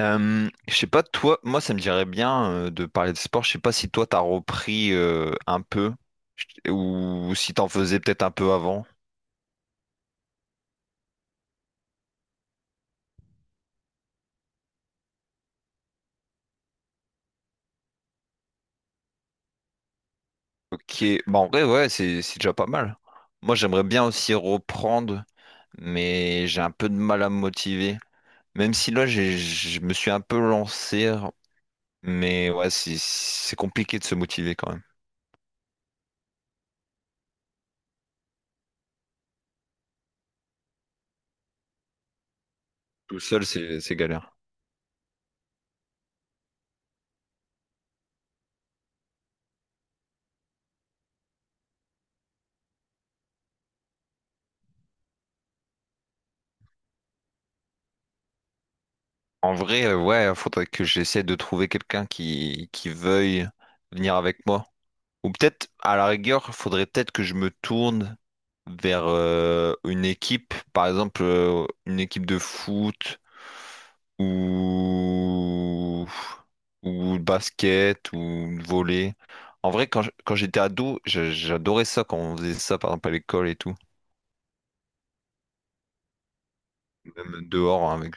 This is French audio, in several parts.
Je sais pas, toi, moi ça me dirait bien de parler de sport. Je sais pas si toi t'as repris un peu ou si t'en faisais peut-être un peu avant. Ok, bah en vrai, ouais, c'est déjà pas mal. Moi j'aimerais bien aussi reprendre, mais j'ai un peu de mal à me motiver. Même si là j'ai, je me suis un peu lancé, mais ouais, c'est compliqué de se motiver quand même. Tout seul, c'est galère. En vrai, ouais, faudrait que j'essaie de trouver quelqu'un qui veuille venir avec moi. Ou peut-être, à la rigueur, il faudrait peut-être que je me tourne vers une équipe, par exemple une équipe de foot ou ou de basket ou de volley. En vrai, quand j'étais ado, j'adorais ça quand on faisait ça, par exemple à l'école et tout, même dehors hein, avec.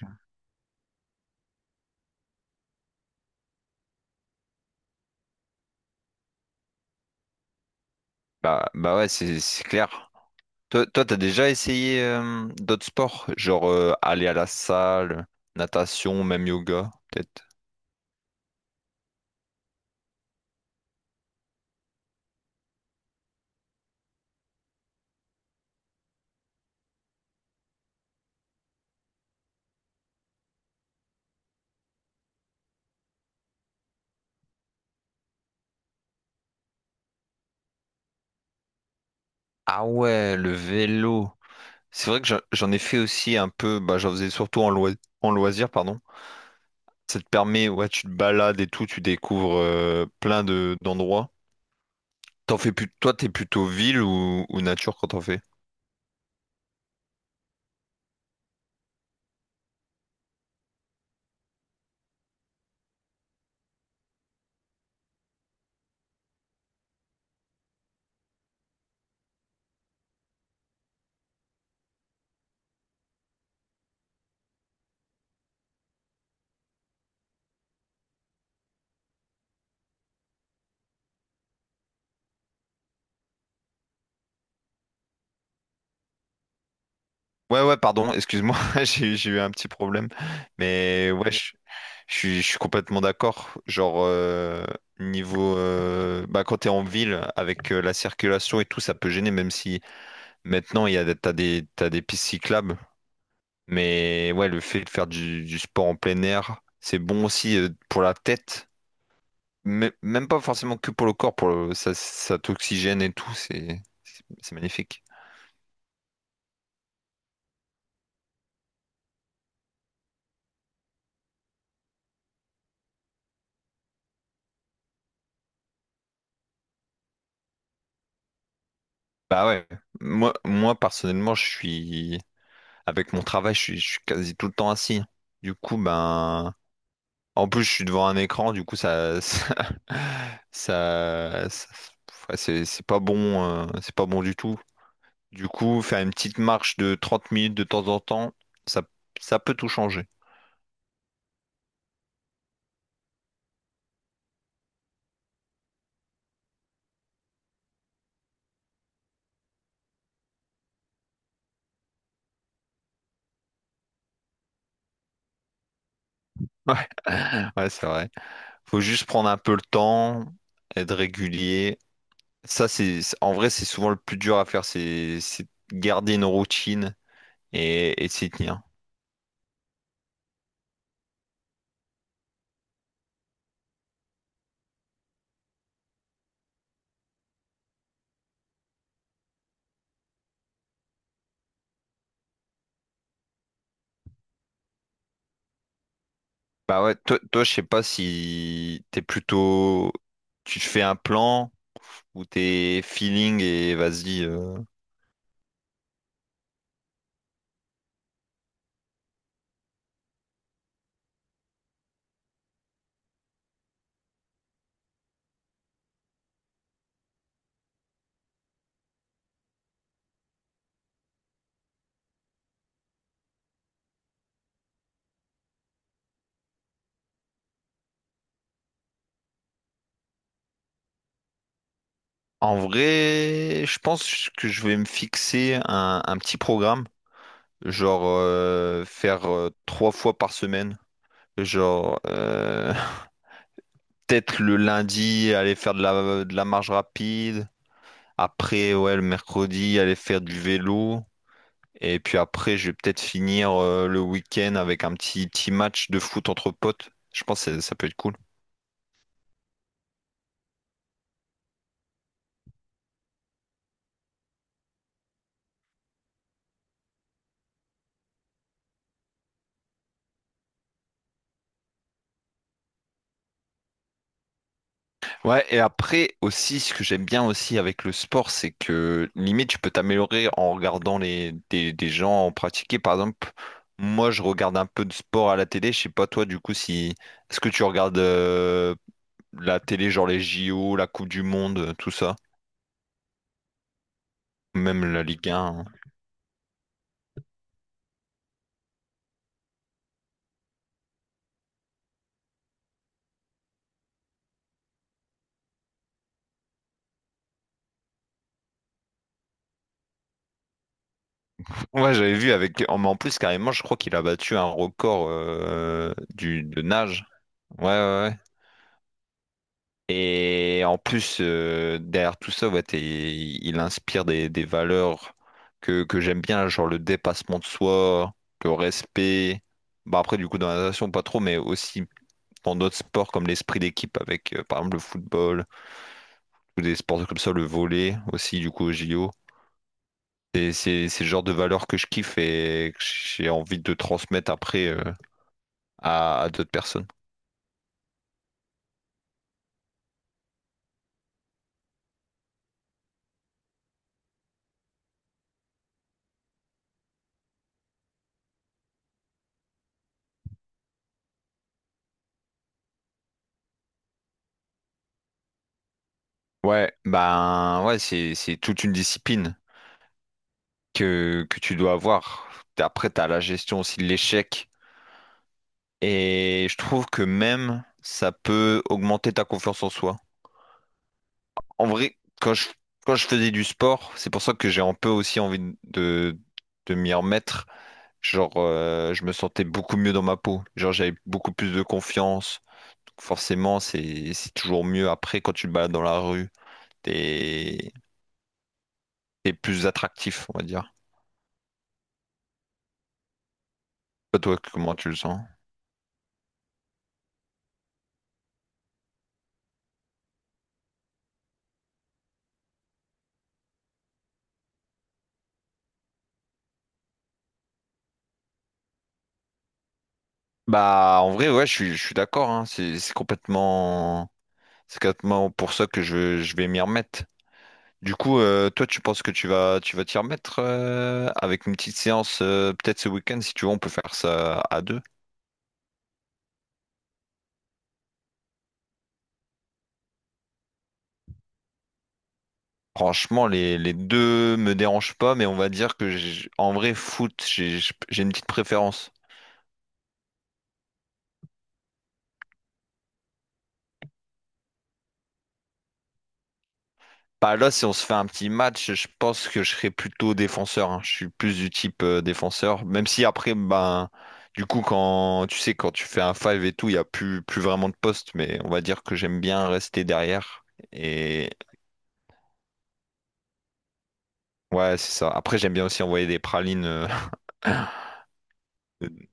Bah bah ouais, c'est clair. Toi, toi, t'as déjà essayé d'autres sports, genre aller à la salle, natation, même yoga, peut-être? Ah ouais, le vélo. C'est vrai que j'en ai fait aussi un peu, bah, j'en faisais surtout en loisir, pardon. Ça te permet, ouais, tu te balades et tout, tu découvres plein de d'endroits. T'en fais plus, toi, t'es plutôt ville ou nature quand t'en fais? Ouais, ouais, pardon, excuse-moi, j'ai eu un petit problème. Mais ouais, je, je suis complètement d'accord. Genre, niveau, bah, quand t'es en ville, avec la circulation et tout, ça peut gêner, même si maintenant, il y a, t'as des pistes cyclables. Mais ouais, le fait de faire du sport en plein air, c'est bon aussi pour la tête, mais même pas forcément que pour le corps, pour le, ça t'oxygène et tout, c'est magnifique. Bah ouais, moi, moi personnellement, je suis avec mon travail, je suis quasi tout le temps assis. Du coup, ben en plus, je suis devant un écran, du coup, ça, ça, ça, ça- ouais, c'est pas bon, c'est pas bon du tout. Du coup, faire une petite marche de 30 minutes de temps en temps, ça, ça peut tout changer. Ouais, ouais, c'est vrai. Faut juste prendre un peu le temps, être régulier. Ça, en vrai, c'est souvent le plus dur à faire, c'est garder une routine et s'y tenir. Bah ouais, toi, toi, je sais pas si t'es plutôt, tu te fais un plan, ou t'es feelings et vas-y, En vrai, je pense que je vais me fixer un petit programme, genre faire trois fois par semaine, genre peut-être le lundi aller faire de la marche rapide, après ouais le mercredi aller faire du vélo, et puis après je vais peut-être finir le week-end avec un petit petit match de foot entre potes. Je pense que ça peut être cool. Ouais, et après aussi, ce que j'aime bien aussi avec le sport, c'est que limite, tu peux t'améliorer en regardant les, des gens en pratiquer. Par exemple, moi, je regarde un peu de sport à la télé. Je sais pas, toi, du coup, si... Est-ce que tu regardes la télé, genre les JO, la Coupe du Monde, tout ça? Même la Ligue 1, hein. Ouais, j'avais vu avec... En, en plus, carrément, je crois qu'il a battu un record de nage. Ouais, ouais, ouais. Et en plus, derrière tout ça, ouais, il inspire des valeurs que j'aime bien, genre le dépassement de soi, le respect. Bah après, du coup, dans la natation, pas trop, mais aussi dans d'autres sports comme l'esprit d'équipe avec, par exemple, le football ou des sports comme ça, le volley aussi, du coup, au JO. Et c'est le genre de valeurs que je kiffe et que j'ai envie de transmettre après à d'autres personnes. Ouais, ben ouais, c'est toute une discipline que tu dois avoir. Après, tu as la gestion aussi de l'échec. Et je trouve que même ça peut augmenter ta confiance en soi. En vrai, quand je faisais du sport, c'est pour ça que j'ai un peu aussi envie de m'y remettre. Genre, je me sentais beaucoup mieux dans ma peau. Genre, j'avais beaucoup plus de confiance. Donc forcément, c'est toujours mieux après quand tu te balades dans la rue. T'es, t'es plus attractif, on va dire. Toi, toi, comment tu le sens? Bah, en vrai, ouais, je suis d'accord, hein. C'est complètement pour ça que je vais m'y remettre. Du coup, toi, tu penses que tu vas t'y remettre avec une petite séance, peut-être ce week-end, si tu veux, on peut faire ça à deux. Franchement, les deux me dérangent pas, mais on va dire que en vrai, foot, j'ai une petite préférence. Bah là, si on se fait un petit match, je pense que je serais plutôt défenseur, hein. Je suis plus du type défenseur. Même si après, ben, du coup, quand tu sais, quand tu fais un five et tout, il n'y a plus, plus vraiment de poste. Mais on va dire que j'aime bien rester derrière. Et ouais, c'est ça. Après, j'aime bien aussi envoyer des pralines,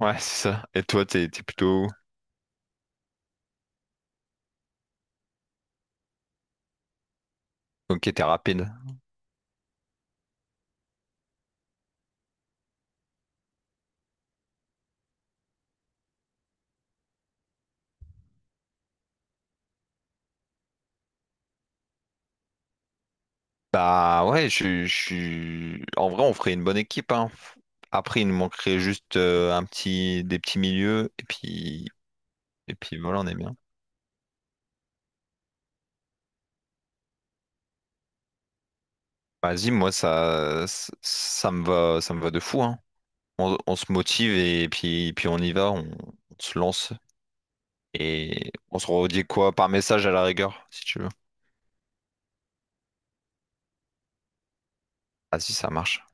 Ouais, c'est ça. Et toi, t'es plutôt où? Ok, t'es rapide. Bah ouais, je suis. En vrai, on ferait une bonne équipe, hein. Après, il nous manquerait juste un petit, des petits milieux, et puis voilà, on est bien. Vas-y, moi ça, ça me va, ça me va de fou, hein. On se motive et puis, puis on y va, on se lance et on se redit quoi par message à la rigueur, si tu veux. Vas-y, ça marche.